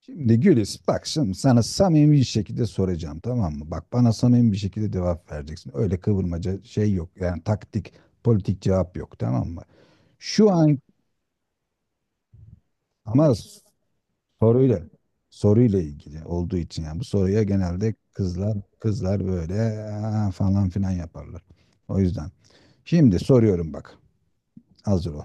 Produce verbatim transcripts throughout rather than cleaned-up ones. Şimdi Gülis bak şimdi sana samimi bir şekilde soracağım, tamam mı? Bak bana samimi bir şekilde cevap vereceksin. Öyle kıvırmaca şey yok. Yani taktik, politik cevap yok, tamam mı? Şu an ama soruyla soruyla ilgili olduğu için, yani bu soruya genelde kızlar kızlar böyle "Aa," falan filan yaparlar. O yüzden şimdi soruyorum bak. Hazır ol.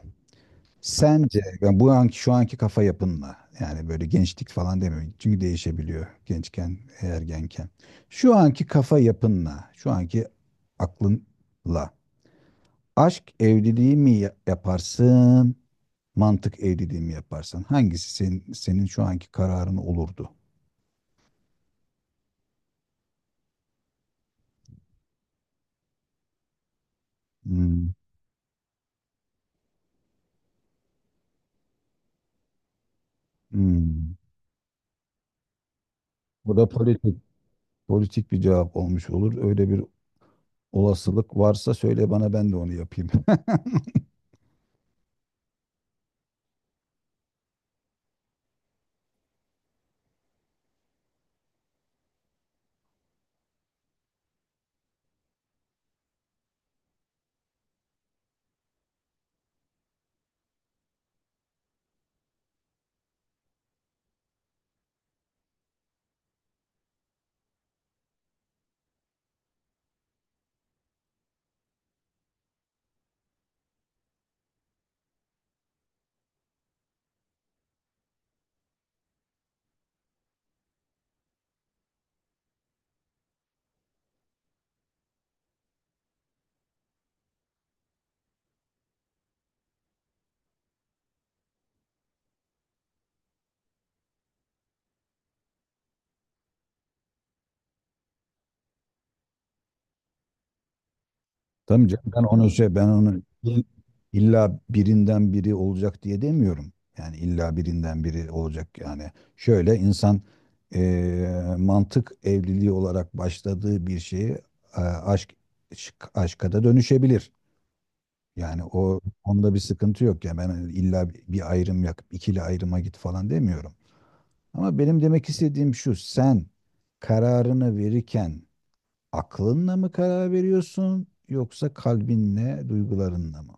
Sence yani bu anki şu anki kafa yapınla, yani böyle gençlik falan demiyorum. Çünkü değişebiliyor gençken, ergenken. Şu anki kafa yapınla, şu anki aklınla aşk evliliği mi ya- yaparsın, mantık evliliği mi yaparsın? Hangisi senin, senin şu anki kararın olurdu? Hmm, hmm. Bu da politik politik bir cevap olmuş olur. Öyle bir olasılık varsa söyle bana, ben de onu yapayım. Tabii canım, ben onu şey, ben onu il- illa birinden biri olacak diye demiyorum. Yani illa birinden biri olacak yani. Şöyle insan eee, mantık evliliği olarak başladığı bir şeyi eee, aşk şık- aşka da dönüşebilir. Yani o onda bir sıkıntı yok ya, ben illa bir bir ayrım yap, ikili ayrıma git falan demiyorum. Ama benim demek istediğim şu: sen kararını verirken aklınla mı karar veriyorsun, yoksa kalbinle, duygularınla mı?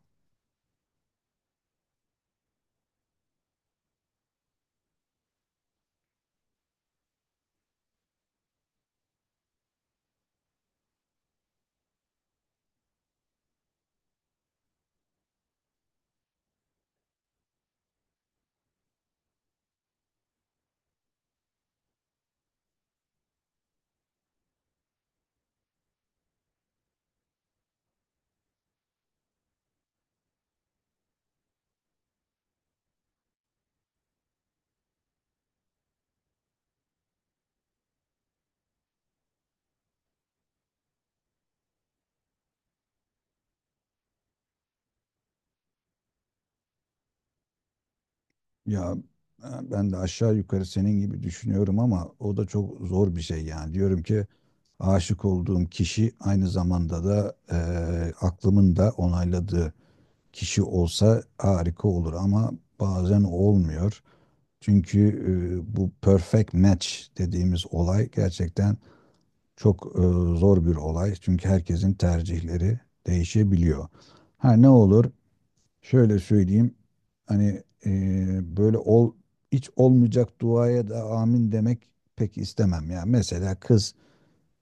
Ya e, ben de aşağı yukarı senin gibi düşünüyorum ama o da çok zor bir şey yani. Diyorum ki aşık olduğum kişi aynı zamanda da e, aklımın da onayladığı kişi olsa harika olur ama bazen olmuyor. Çünkü e, bu perfect match dediğimiz olay gerçekten çok e, zor bir olay, çünkü herkesin tercihleri değişebiliyor. Ha ne olur? Şöyle söyleyeyim. Hani e, böyle ol hiç olmayacak duaya da amin demek pek istemem ya. Mesela kız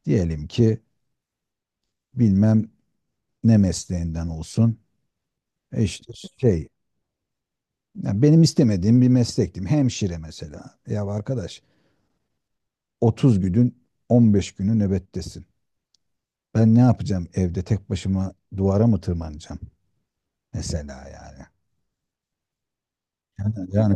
diyelim ki bilmem ne mesleğinden olsun. E işte şey, ya benim istemediğim bir meslektim. Hemşire mesela. Ya arkadaş, otuz günün on beş günü nöbettesin. Ben ne yapacağım evde tek başıma, duvara mı tırmanacağım? Mesela yani. Yani, yani,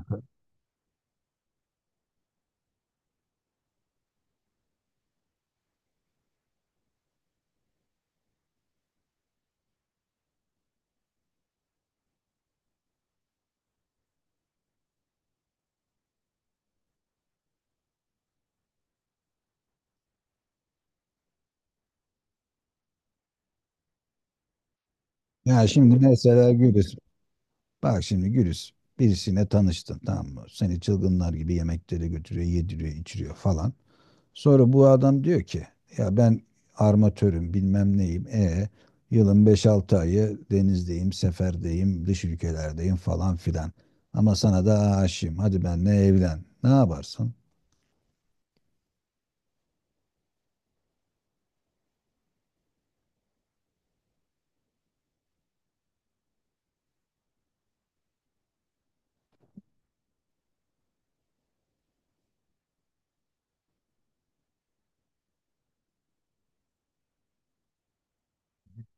yani şimdi mesela Gülis, bak şimdi Gülis, birisiyle tanıştın tamam mı? Seni çılgınlar gibi yemeklere götürüyor, yediriyor, içiriyor falan. Sonra bu adam diyor ki ya ben armatörüm bilmem neyim. E yılın beş altı ayı denizdeyim, seferdeyim, dış ülkelerdeyim falan filan. Ama sana da aşığım. Hadi benimle evlen. Ne yaparsın?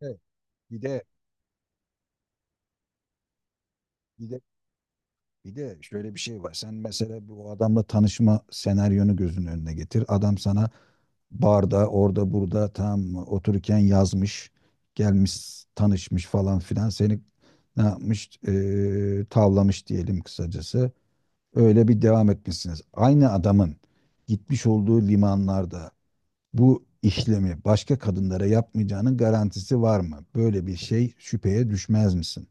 Evet, bir de bir de şöyle bir şey var. Sen mesela bu adamla tanışma senaryonu gözünün önüne getir. Adam sana barda, orada, burada tam otururken yazmış, gelmiş, tanışmış falan filan. Seni ne yapmış? Ee, tavlamış diyelim kısacası. Öyle bir devam etmişsiniz. Aynı adamın gitmiş olduğu limanlarda bu işlemi başka kadınlara yapmayacağının garantisi var mı? Böyle bir şey şüpheye düşmez misin?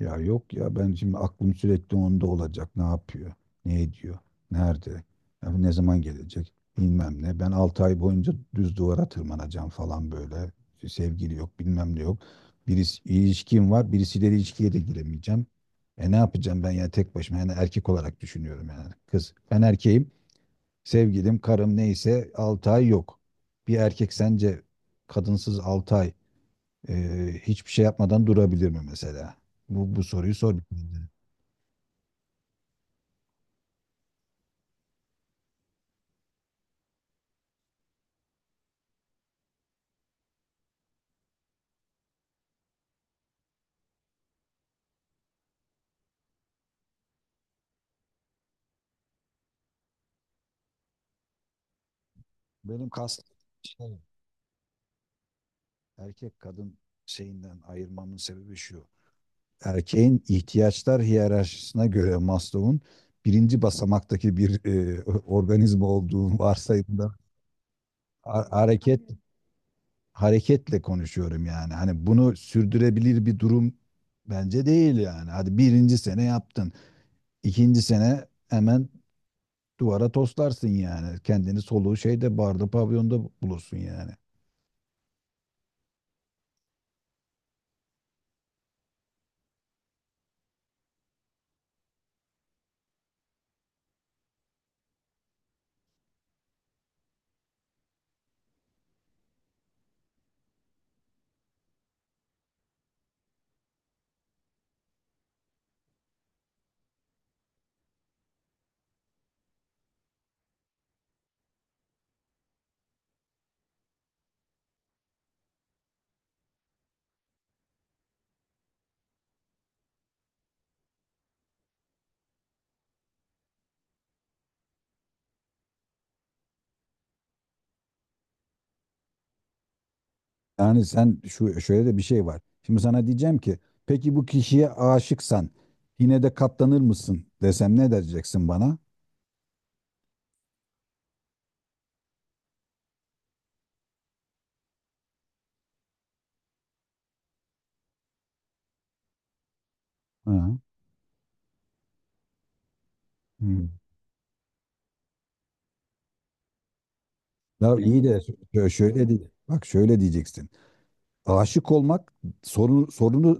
Ya yok ya, ben şimdi aklım sürekli onda olacak. Ne yapıyor? Ne ediyor? Nerede? Ya ne zaman gelecek? Bilmem ne. Ben altı ay boyunca düz duvara tırmanacağım falan böyle. Sevgili yok, bilmem ne yok. Birisi ilişkim var, birisiyle ilişkiye de giremeyeceğim. E ne yapacağım ben ya tek başıma? Yani erkek olarak düşünüyorum yani. Kız, ben erkeğim, sevgilim, karım neyse altı ay yok. Bir erkek sence kadınsız altı ay ee, hiçbir şey yapmadan durabilir mi mesela? Bu, bu soruyu sor bir kendine. Benim kastım şey, erkek kadın şeyinden ayırmamın sebebi şu. Erkeğin ihtiyaçlar hiyerarşisine göre Maslow'un birinci basamaktaki bir e, organizma olduğu varsayımda, ha- hareket hareketle konuşuyorum yani. Hani bunu sürdürebilir bir durum bence değil yani. Hadi birinci sene yaptın. İkinci sene hemen duvara toslarsın yani. Kendini soluğu şeyde, barda, pavyonda bulursun yani. Yani sen şu şöyle de bir şey var. Şimdi sana diyeceğim ki peki bu kişiye aşıksan yine de katlanır mısın desem, ne diyeceksin bana? Ha. hı. Ya iyi de şö- şöyle değil. Bak şöyle diyeceksin. Aşık olmak sorunu, sorunu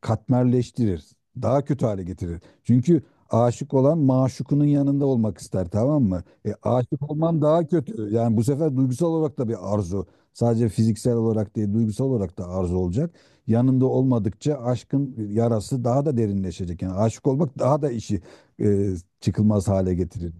katmerleştirir. Daha kötü hale getirir. Çünkü aşık olan maşukunun yanında olmak ister, tamam mı? E, aşık olman daha kötü. Yani bu sefer duygusal olarak da bir arzu. Sadece fiziksel olarak değil, duygusal olarak da arzu olacak. Yanında olmadıkça aşkın yarası daha da derinleşecek. Yani aşık olmak daha da işi e, çıkılmaz hale getirir.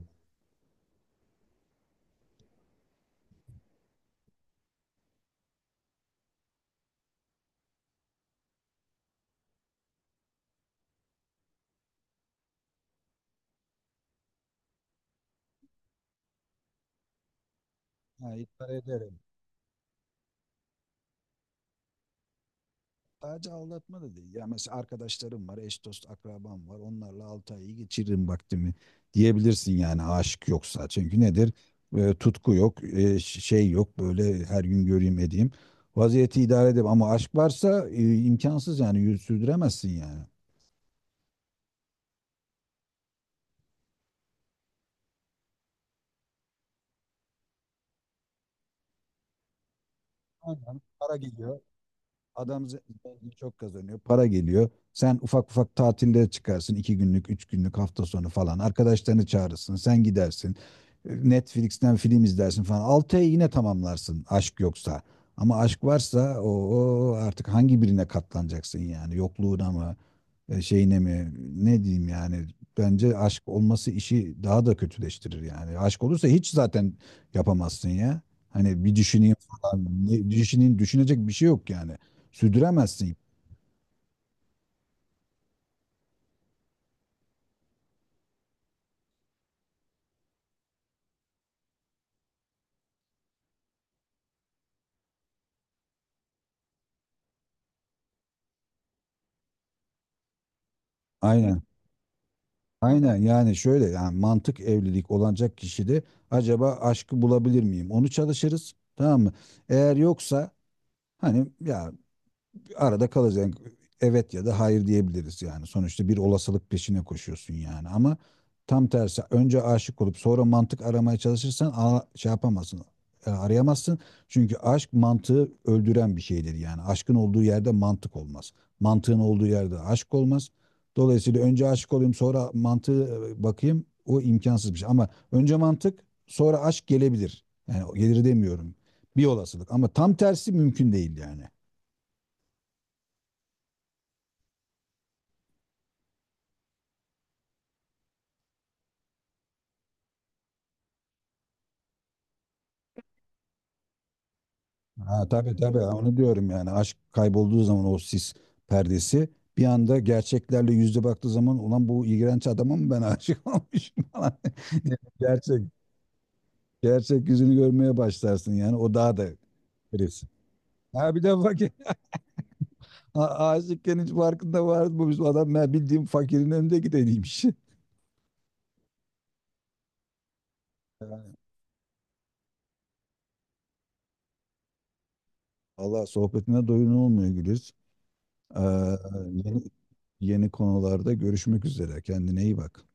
Ha, idare ederim. Sadece aldatma da değil. Ya mesela arkadaşlarım var, eş dost akrabam var. Onlarla altı ayı geçiririm vaktimi diyebilirsin yani aşık yoksa. Çünkü nedir? E, tutku yok, e, ş- şey yok. Böyle her gün göreyim edeyim. Vaziyeti idare edeyim ama aşk varsa e, imkansız yani yürü- sürdüremezsin yani. Aynen. Para geliyor. Adam ze- zengin, çok kazanıyor, para geliyor. Sen ufak ufak tatillere çıkarsın, iki günlük, üç günlük hafta sonu falan. Arkadaşlarını çağırırsın, sen gidersin. e, Netflix'ten film izlersin falan. Altı ay yine tamamlarsın aşk yoksa. Ama aşk varsa o artık hangi birine katlanacaksın yani? Yokluğuna mı? E, şeyine mi, ne diyeyim yani, bence aşk olması işi daha da kötüleştirir yani. Aşk olursa hiç zaten yapamazsın ya. Hani bir düşüneyim falan. Ne düşüneyim, düşünecek bir şey yok yani. Sürdüremezsin. Aynen. Aynen yani şöyle, yani mantık evlilik olacak kişide acaba aşkı bulabilir miyim? Onu çalışırız, tamam mı? Eğer yoksa hani ya arada kalacak. Yani evet ya da hayır diyebiliriz yani. Sonuçta bir olasılık peşine koşuyorsun yani. Ama tam tersi önce aşık olup sonra mantık aramaya çalışırsan, a- şey yapamazsın. e, Arayamazsın. Çünkü aşk mantığı öldüren bir şeydir yani. Aşkın olduğu yerde mantık olmaz. Mantığın olduğu yerde aşk olmaz. Dolayısıyla önce aşık olayım sonra mantığı e, bakayım, o imkansız bir şey. Ama önce mantık sonra aşk gelebilir. Yani gelir demiyorum. Bir olasılık ama tam tersi mümkün değil yani. Ha, tabii tabii, onu diyorum yani aşk kaybolduğu zaman o sis perdesi bir anda gerçeklerle yüzde baktığı zaman ulan bu iğrenç adama mı ben aşık olmuşum falan. Yani Gerçek gerçek yüzünü görmeye başlarsın yani o daha da kriz. Ha bir de bak, a- aşıkken hiç farkında var mı, biz adam, ben bildiğim fakirin önünde gideniymiş. Yani Allah sohbetine doyun olmuyor Güliz. Ee, yeni, yeni konularda görüşmek üzere kendine iyi bak.